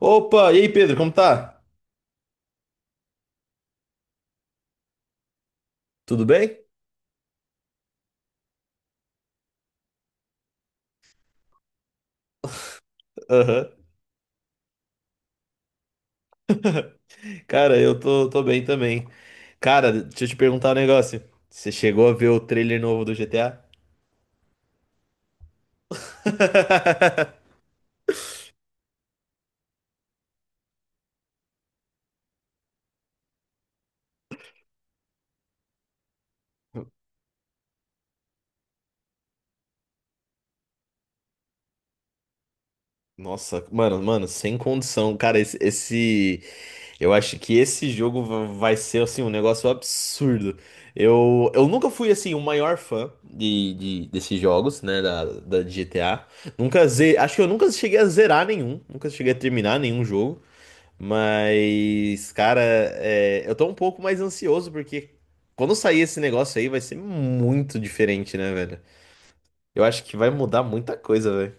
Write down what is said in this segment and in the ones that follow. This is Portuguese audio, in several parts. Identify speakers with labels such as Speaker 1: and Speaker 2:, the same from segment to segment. Speaker 1: Opa, e aí Pedro, como tá? Tudo bem? Aham. Cara, eu tô bem também. Cara, deixa eu te perguntar um negócio. Você chegou a ver o trailer novo do GTA? Nossa, mano, sem condição. Eu acho que esse vai ser, assim, um negócio absurdo. Eu nunca fui, assim, o maior fã desses jogos, né, da, da de GTA. Nunca ze... Acho que eu nunca cheguei a zerar nenhum. Nunca cheguei a terminar nenhum jogo. Mas, cara, é, eu tô um pouco mais ansioso porque quando sair esse negócio aí vai ser muito diferente, né, velho? Eu acho que vai mudar muita coisa, velho.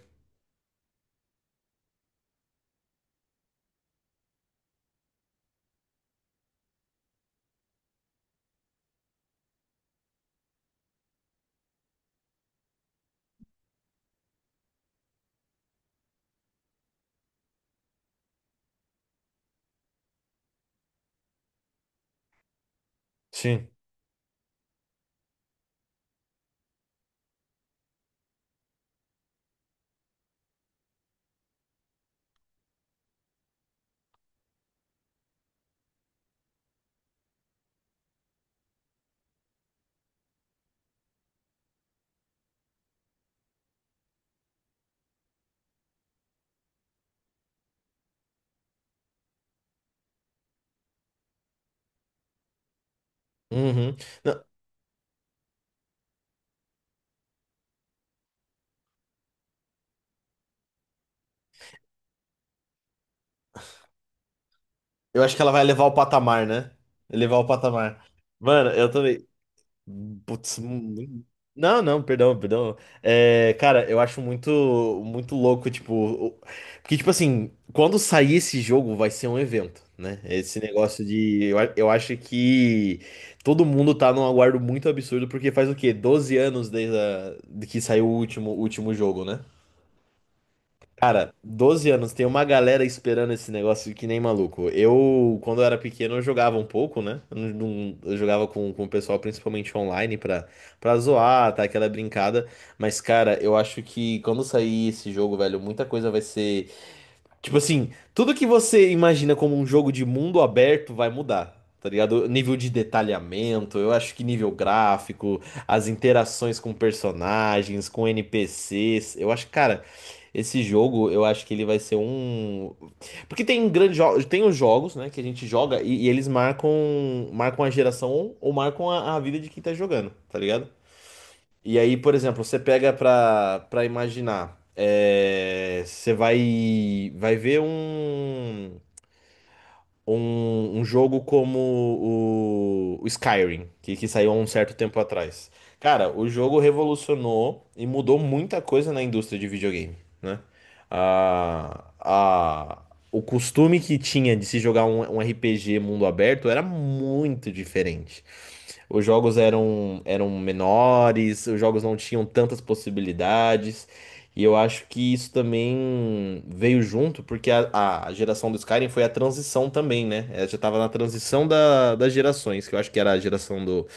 Speaker 1: Sim. Uhum. Não, eu acho que ela vai levar o patamar, né? Levar o patamar. Mano, eu também. Putz, mu- não, não, perdão, perdão. É, cara, eu acho muito, muito louco, porque, tipo assim, quando sair esse jogo vai ser um evento, né? Esse negócio de, eu, a- eu acho que todo mundo tá num aguardo muito absurdo, porque faz o quê? 12 anos desde de que saiu o último jogo, né? Cara, 12 anos, tem uma galera esperando esse negócio que nem maluco. Eu, quando eu era pequeno, eu jogava um pouco, né? Eu, não- não- eu jogava com o pessoal, principalmente online, pra, pra zoar, tá? Aquela brincada. Mas, cara, eu acho que quando sair esse jogo, velho, muita coisa vai ser. Tipo assim, tudo que você imagina como um jogo de mundo aberto vai mudar, tá ligado? Nível de detalhamento, eu acho que nível gráfico, as interações com personagens, com NPCs, eu acho, cara, esse jogo, eu acho que ele vai ser um. Porque tem grandes jogos, tem os jogos, né, que a gente joga e eles marcam, marcam a geração ou marcam a vida de quem tá jogando, tá ligado? E aí, por exemplo, você pega pra, pra imaginar, é, você vai, vai ver um, um, um jogo como o Skyrim, que saiu há um certo tempo atrás. Cara, o jogo revolucionou e mudou muita coisa na indústria de videogame, né? A, o costume que tinha de se jogar um, um RPG mundo aberto era muito diferente. Os jogos eram, eram menores, os jogos não tinham tantas possibilidades. E eu acho que isso também veio junto, porque a geração do Skyrim foi a transição também, né? Ela já tava na transição da, das gerações, que eu acho que era a geração do,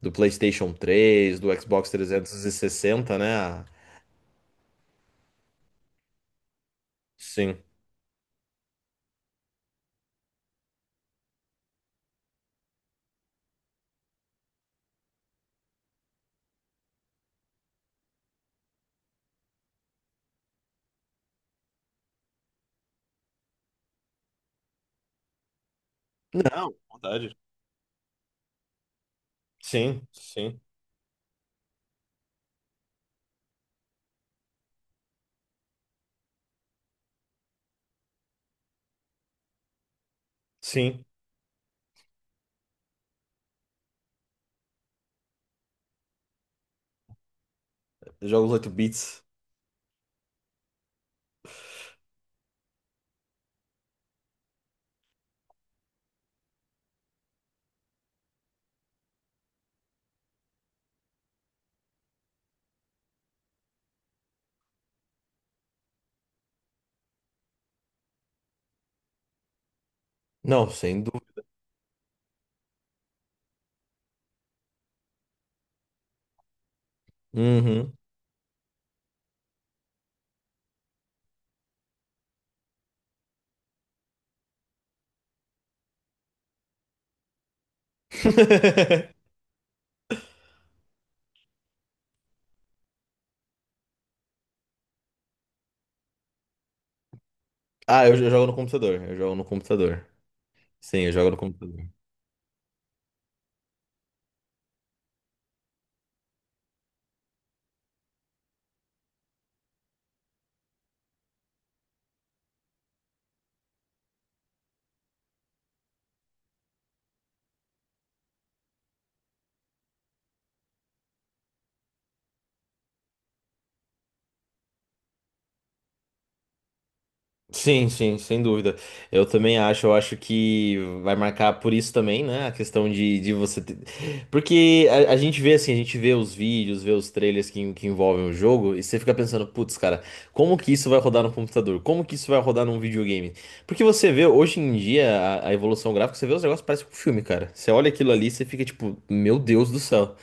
Speaker 1: do PlayStation 3, do Xbox 360, né? A- Sim. Não, vontade. Sim, sim, sim. Jogos 8 bits. Não, sem dúvida. Uhum. Ah, eu jogo no computador. Eu jogo no computador. Sim, eu jogo no computador. Sim, sim, sem dúvida. Eu também acho, eu acho que vai marcar por isso também, né? A questão de você ter... Porque a gente vê assim, a gente vê os vídeos, vê os trailers que envolvem o jogo, e você fica pensando, putz, cara, como que isso vai rodar no computador? Como que isso vai rodar num videogame? Porque você vê hoje em dia a evolução gráfica, você vê os negócios, parece um filme, cara. Você olha aquilo ali, você fica tipo, meu Deus do céu.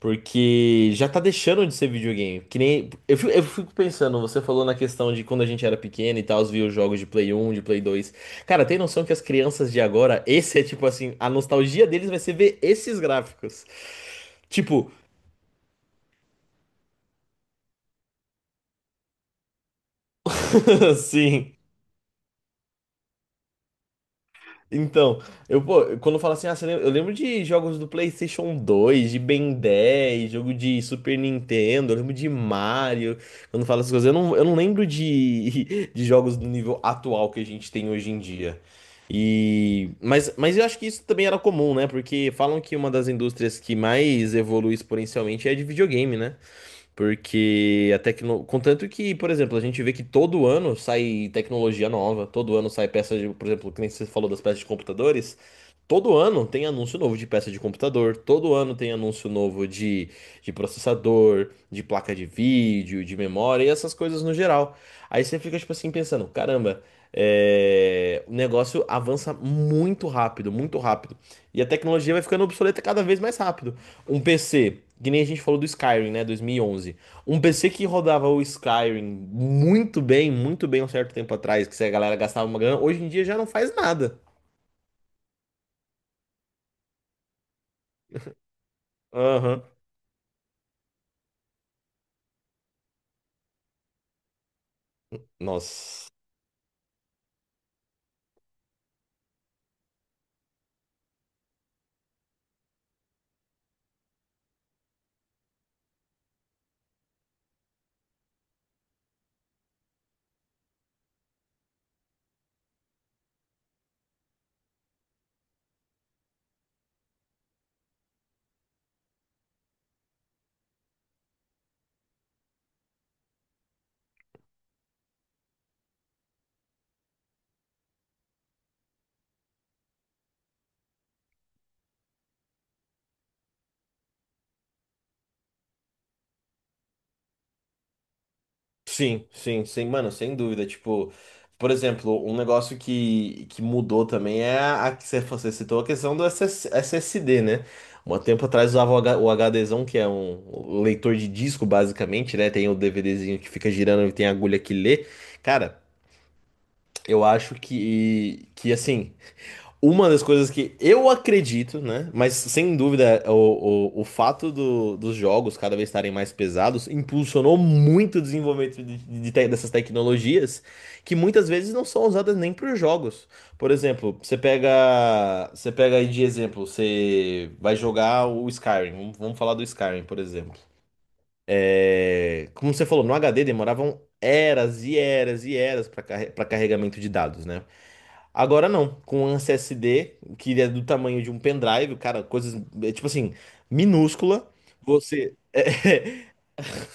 Speaker 1: Porque já tá deixando de ser videogame. Que nem. Eu fico pensando, você falou na questão de quando a gente era pequeno e tal, os via os jogos de Play 1, de Play dois. Cara, tem noção que as crianças de agora, esse é tipo assim, a nostalgia deles vai ser ver esses gráficos. Tipo, sim. Então, eu, pô, quando fala assim, ah, eu lembro de jogos do PlayStation 2, de Ben 10, jogo de Super Nintendo, eu lembro de Mario. Quando fala essas coisas, eu não lembro de, de jogos do nível atual que a gente tem hoje em dia. E, mas eu acho que isso também era comum, né? Porque falam que uma das indústrias que mais evolui exponencialmente é a de videogame, né? Contanto que, por exemplo, a gente vê que todo ano sai tecnologia nova, todo ano sai peça de, por exemplo, que nem você falou das peças de computadores, todo ano tem anúncio novo de peça de computador, todo ano tem anúncio novo de processador, de placa de vídeo, de memória e essas coisas no geral. Aí você fica, tipo assim, pensando, caramba, é, o negócio avança muito rápido, muito rápido. E a tecnologia vai ficando obsoleta cada vez mais rápido. Um PC, que nem a gente falou do Skyrim, né, 2011. Um PC que rodava o Skyrim muito bem um certo tempo atrás, que se a galera gastava uma grana, hoje em dia já não faz nada. Aham. Nossa. Sim, sim, sim, mano, sem dúvida. Tipo, por exemplo, um negócio que mudou também é a que você citou a questão do SS SSD, né? Um tempo atrás usava o HDzão, que é um um leitor de disco, basicamente, né? Tem o DVDzinho que fica girando e tem a agulha que lê. Cara, eu acho que, assim, uma das coisas que eu acredito, né? Mas sem dúvida, o fato dos jogos cada vez estarem mais pesados impulsionou muito o desenvolvimento dessas tecnologias que muitas vezes não são usadas nem para os jogos. Por exemplo, você pega aí de exemplo, você vai jogar o Skyrim, vamos vamos falar do Skyrim, por exemplo. É, como você falou, no HD demoravam eras e eras e eras para carregamento de dados, né? Agora não, com um SSD, que é do tamanho de um pendrive, cara, coisas, é, tipo assim, minúscula, você.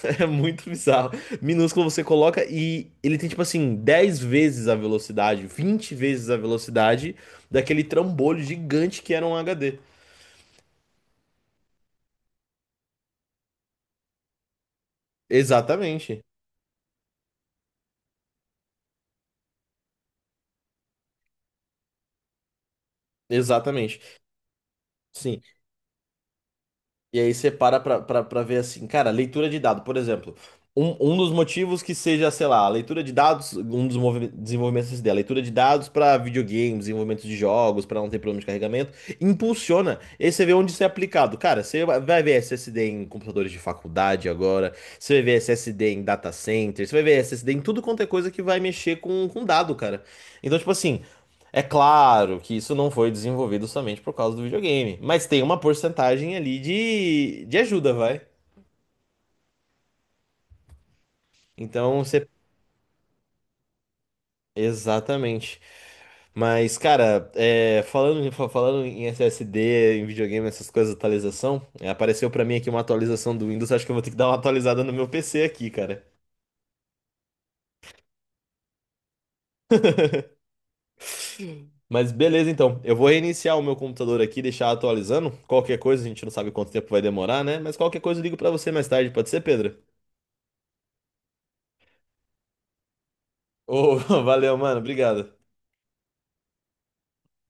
Speaker 1: É, é muito bizarro. Minúscula você coloca e ele tem, tipo assim, 10 vezes a velocidade, 20 vezes a velocidade daquele trambolho gigante que era um HD. Exatamente, exatamente. Sim, e aí você para pra, pra, pra ver assim, cara, leitura de dado, por exemplo. Um dos motivos que seja, sei lá, a leitura de dados, um dos desenvolvimentos dessa ideia, a leitura de dados para videogames, desenvolvimento de jogos, para não ter problema de carregamento, impulsiona. E aí você vê onde isso é aplicado. Cara, você vai vai ver SSD em computadores de faculdade agora, você vai ver SSD em data center, você vai ver SSD em tudo quanto é coisa que vai mexer com dado, cara. Então, tipo assim. É claro que isso não foi desenvolvido somente por causa do videogame, mas tem uma porcentagem ali de ajuda, vai. Então você. Exatamente. Mas, cara, é, falando em SSD, em videogame, essas coisas, atualização, é, apareceu pra mim aqui uma atualização do Windows, acho que eu vou ter que dar uma atualizada no meu PC aqui, cara. Mas beleza, então. Eu vou reiniciar o meu computador aqui, deixar atualizando. Qualquer coisa, a gente não sabe quanto tempo vai demorar, né? Mas qualquer coisa eu ligo pra você mais tarde, pode ser, Pedro? Ô, valeu, mano, obrigado.